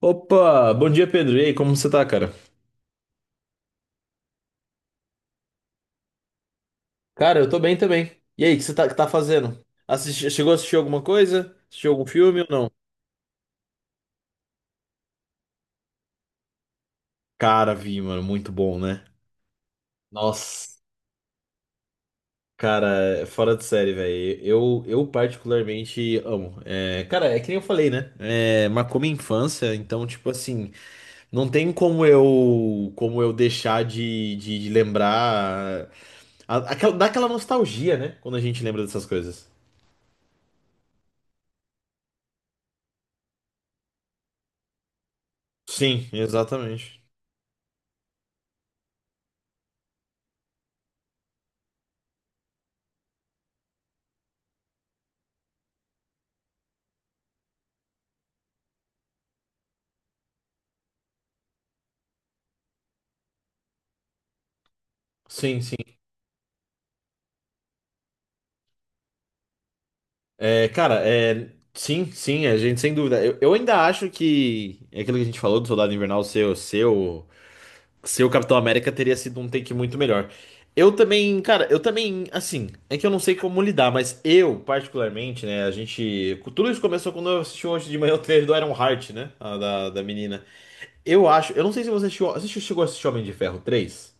Opa, bom dia Pedro. E aí, como você tá, cara? Cara, eu tô bem também. E aí, o que tá fazendo? Chegou a assistir alguma coisa? Assistiu algum filme ou não? Cara, vi, mano, muito bom, né? Nossa, cara, é fora de série, velho. Eu particularmente amo. É, cara, é que nem eu falei, né? É, marcou minha infância, então, tipo assim, não tem como eu deixar de lembrar. Dá aquela nostalgia, né? Quando a gente lembra dessas coisas. Sim, exatamente. Sim, sim. É, cara, é, sim, sim, a gente sem dúvida. Eu ainda acho que é aquilo que a gente falou do Soldado Invernal seu Capitão América teria sido um take muito melhor. Eu também, cara, eu também, assim, é que eu não sei como lidar, mas eu, particularmente, né, a gente. Tudo isso começou quando eu assisti hoje de manhã o trailer do Iron Heart, né? Da menina. Eu acho, eu não sei se você chegou a assistir Homem de Ferro 3.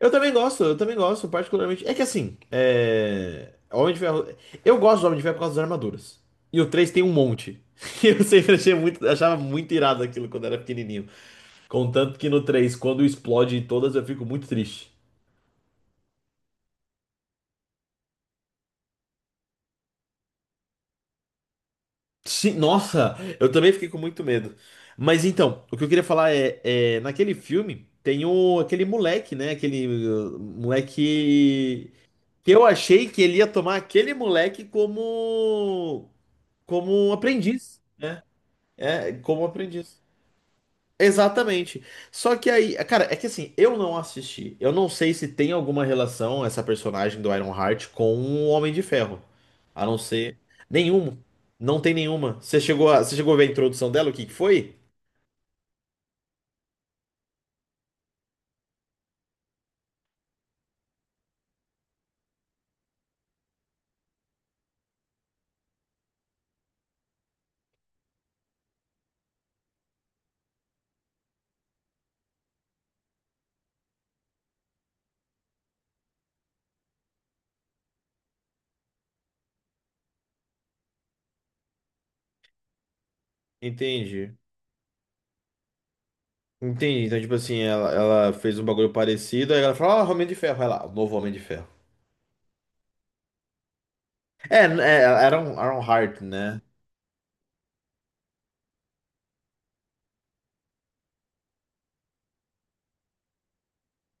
Eu também gosto, particularmente. É que assim, Homem de Ferro. Eu gosto do Homem de Ferro por causa das armaduras. E o 3 tem um monte. Eu sempre achava muito irado aquilo quando era pequenininho. Contanto que no 3, quando explode em todas, eu fico muito triste. Sim, nossa, eu também fiquei com muito medo. Mas então, o que eu queria falar é, naquele filme tem aquele moleque, né? Aquele moleque que eu achei que ele ia tomar aquele moleque como um aprendiz, né? É, como aprendiz. Exatamente. Só que aí, cara, é que assim, eu não assisti. Eu não sei se tem alguma relação essa personagem do Ironheart com o Homem de Ferro. A não ser nenhuma. Não tem nenhuma. Você chegou a ver a introdução dela, o que que foi? Entendi. Entendi. Então, tipo assim, ela fez um bagulho parecido, aí ela falou, ó, Homem de Ferro, vai lá, o novo Homem de Ferro. Era um Ironheart, né?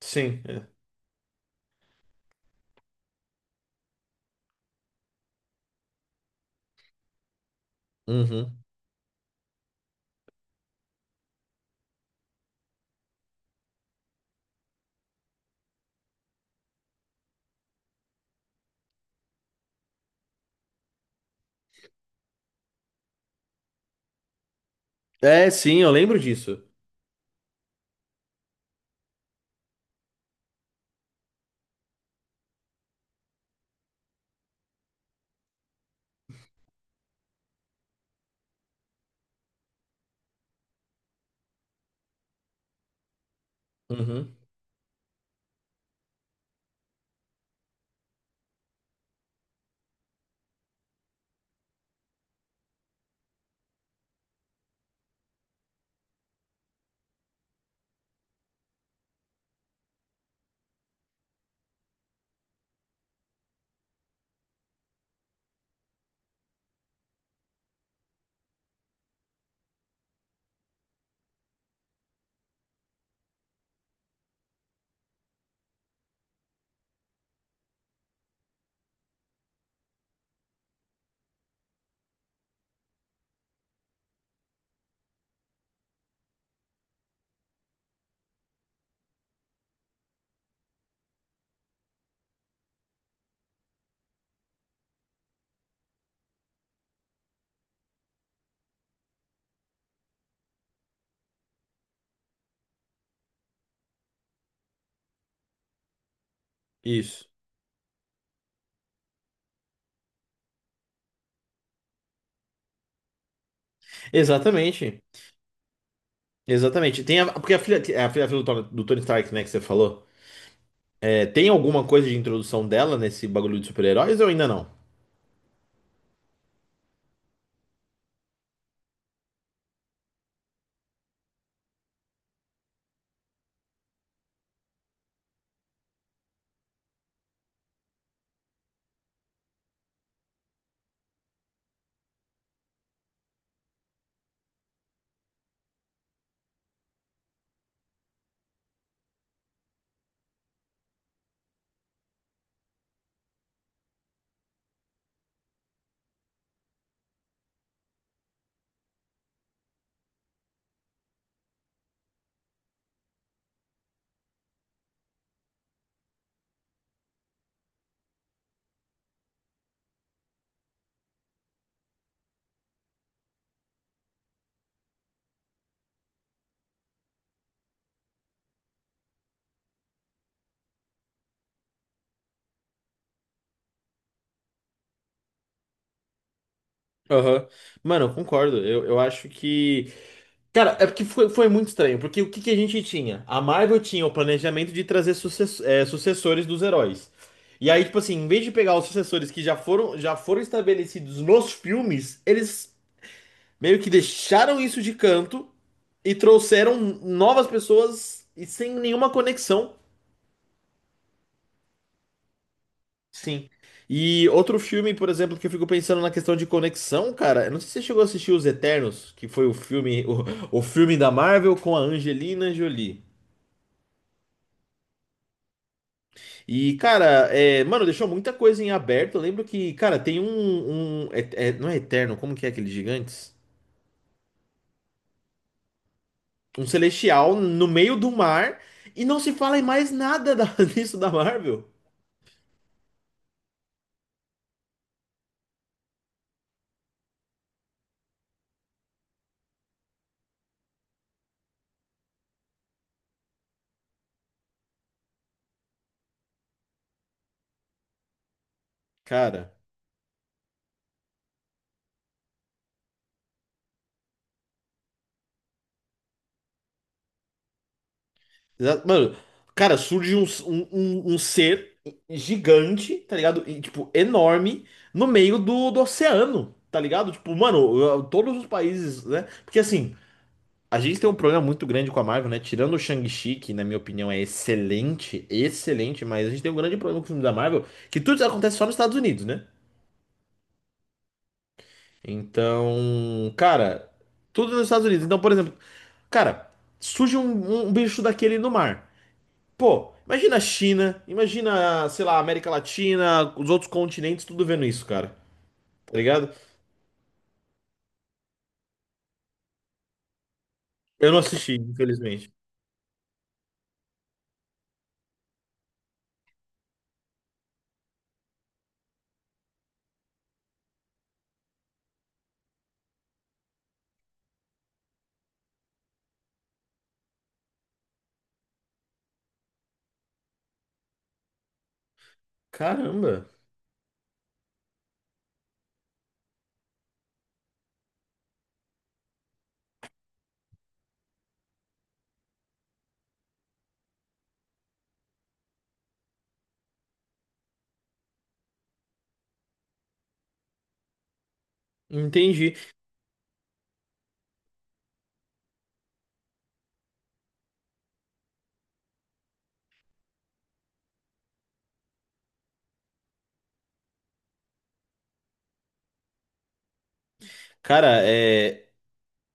Sim. É, Uhum. É, sim, eu lembro disso. Uhum. Isso. Exatamente. Exatamente. Porque a filha do Tony Stark, né, que você falou, é, tem alguma coisa de introdução dela nesse bagulho de super-heróis ou ainda não? Aham. Mano, eu concordo. Eu acho que. Cara, é porque foi muito estranho. Porque o que, que a gente tinha? A Marvel tinha o planejamento de trazer sucessores dos heróis. E aí, tipo assim, em vez de pegar os sucessores que já foram estabelecidos nos filmes, eles meio que deixaram isso de canto e trouxeram novas pessoas e sem nenhuma conexão. Sim. E outro filme, por exemplo, que eu fico pensando na questão de conexão, cara, eu não sei se você chegou a assistir Os Eternos, que foi o filme, o filme da Marvel com a Angelina Jolie. E, cara, é, mano, deixou muita coisa em aberto. Eu lembro que, cara, tem não é Eterno, como que é aqueles gigantes? Um celestial no meio do mar e não se fala em mais nada disso da Marvel. Cara. Mano, cara, surge um ser gigante, tá ligado? E, tipo, enorme no meio do oceano, tá ligado? Tipo, mano, todos os países, né? Porque assim, a gente tem um problema muito grande com a Marvel, né? Tirando o Shang-Chi, que na minha opinião é excelente, excelente, mas a gente tem um grande problema com o filme da Marvel, que tudo acontece só nos Estados Unidos, né? Então, cara, tudo nos Estados Unidos. Então, por exemplo, cara, surge um bicho daquele no mar. Pô, imagina a China, imagina, sei lá, a América Latina, os outros continentes, tudo vendo isso, cara. Tá ligado? Eu não assisti, infelizmente. Caramba, entendi. Cara, é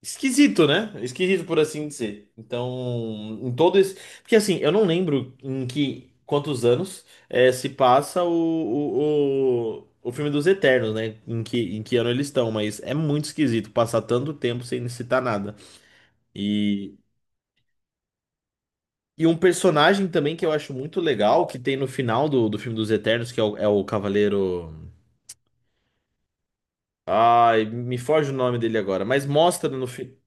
esquisito, né? Esquisito por assim dizer. Então, em todo esse. Porque assim, eu não lembro em que quantos anos é, se passa o filme dos Eternos, né? Em que ano eles estão, mas é muito esquisito passar tanto tempo sem citar nada. E um personagem também que eu acho muito legal, que tem no final do filme dos Eternos, que é o Cavaleiro. Ai, me foge o nome dele agora, mas mostra no filme.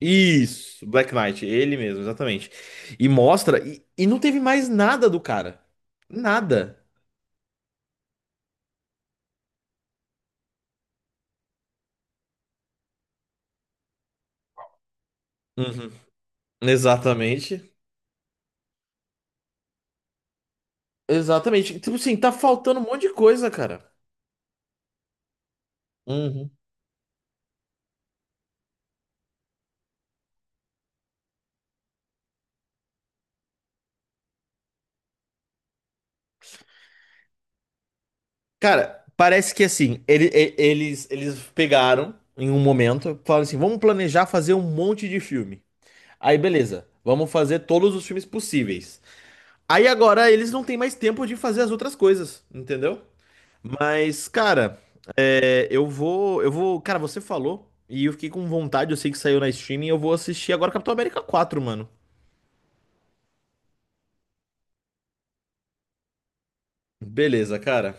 Isso, Black Knight, ele mesmo, exatamente. E mostra, e não teve mais nada do cara. Nada. Uhum. Exatamente. Exatamente. Tipo assim, tá faltando um monte de coisa, cara. Uhum. Cara, parece que assim, eles pegaram em um momento, falaram assim: vamos planejar fazer um monte de filme. Aí beleza, vamos fazer todos os filmes possíveis. Aí agora eles não têm mais tempo de fazer as outras coisas, entendeu? Mas, cara, eu vou, cara, você falou e eu fiquei com vontade, eu sei que saiu na streaming, eu vou assistir agora Capitão América 4, mano. Beleza, cara.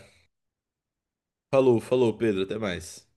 Falou, falou, Pedro, até mais.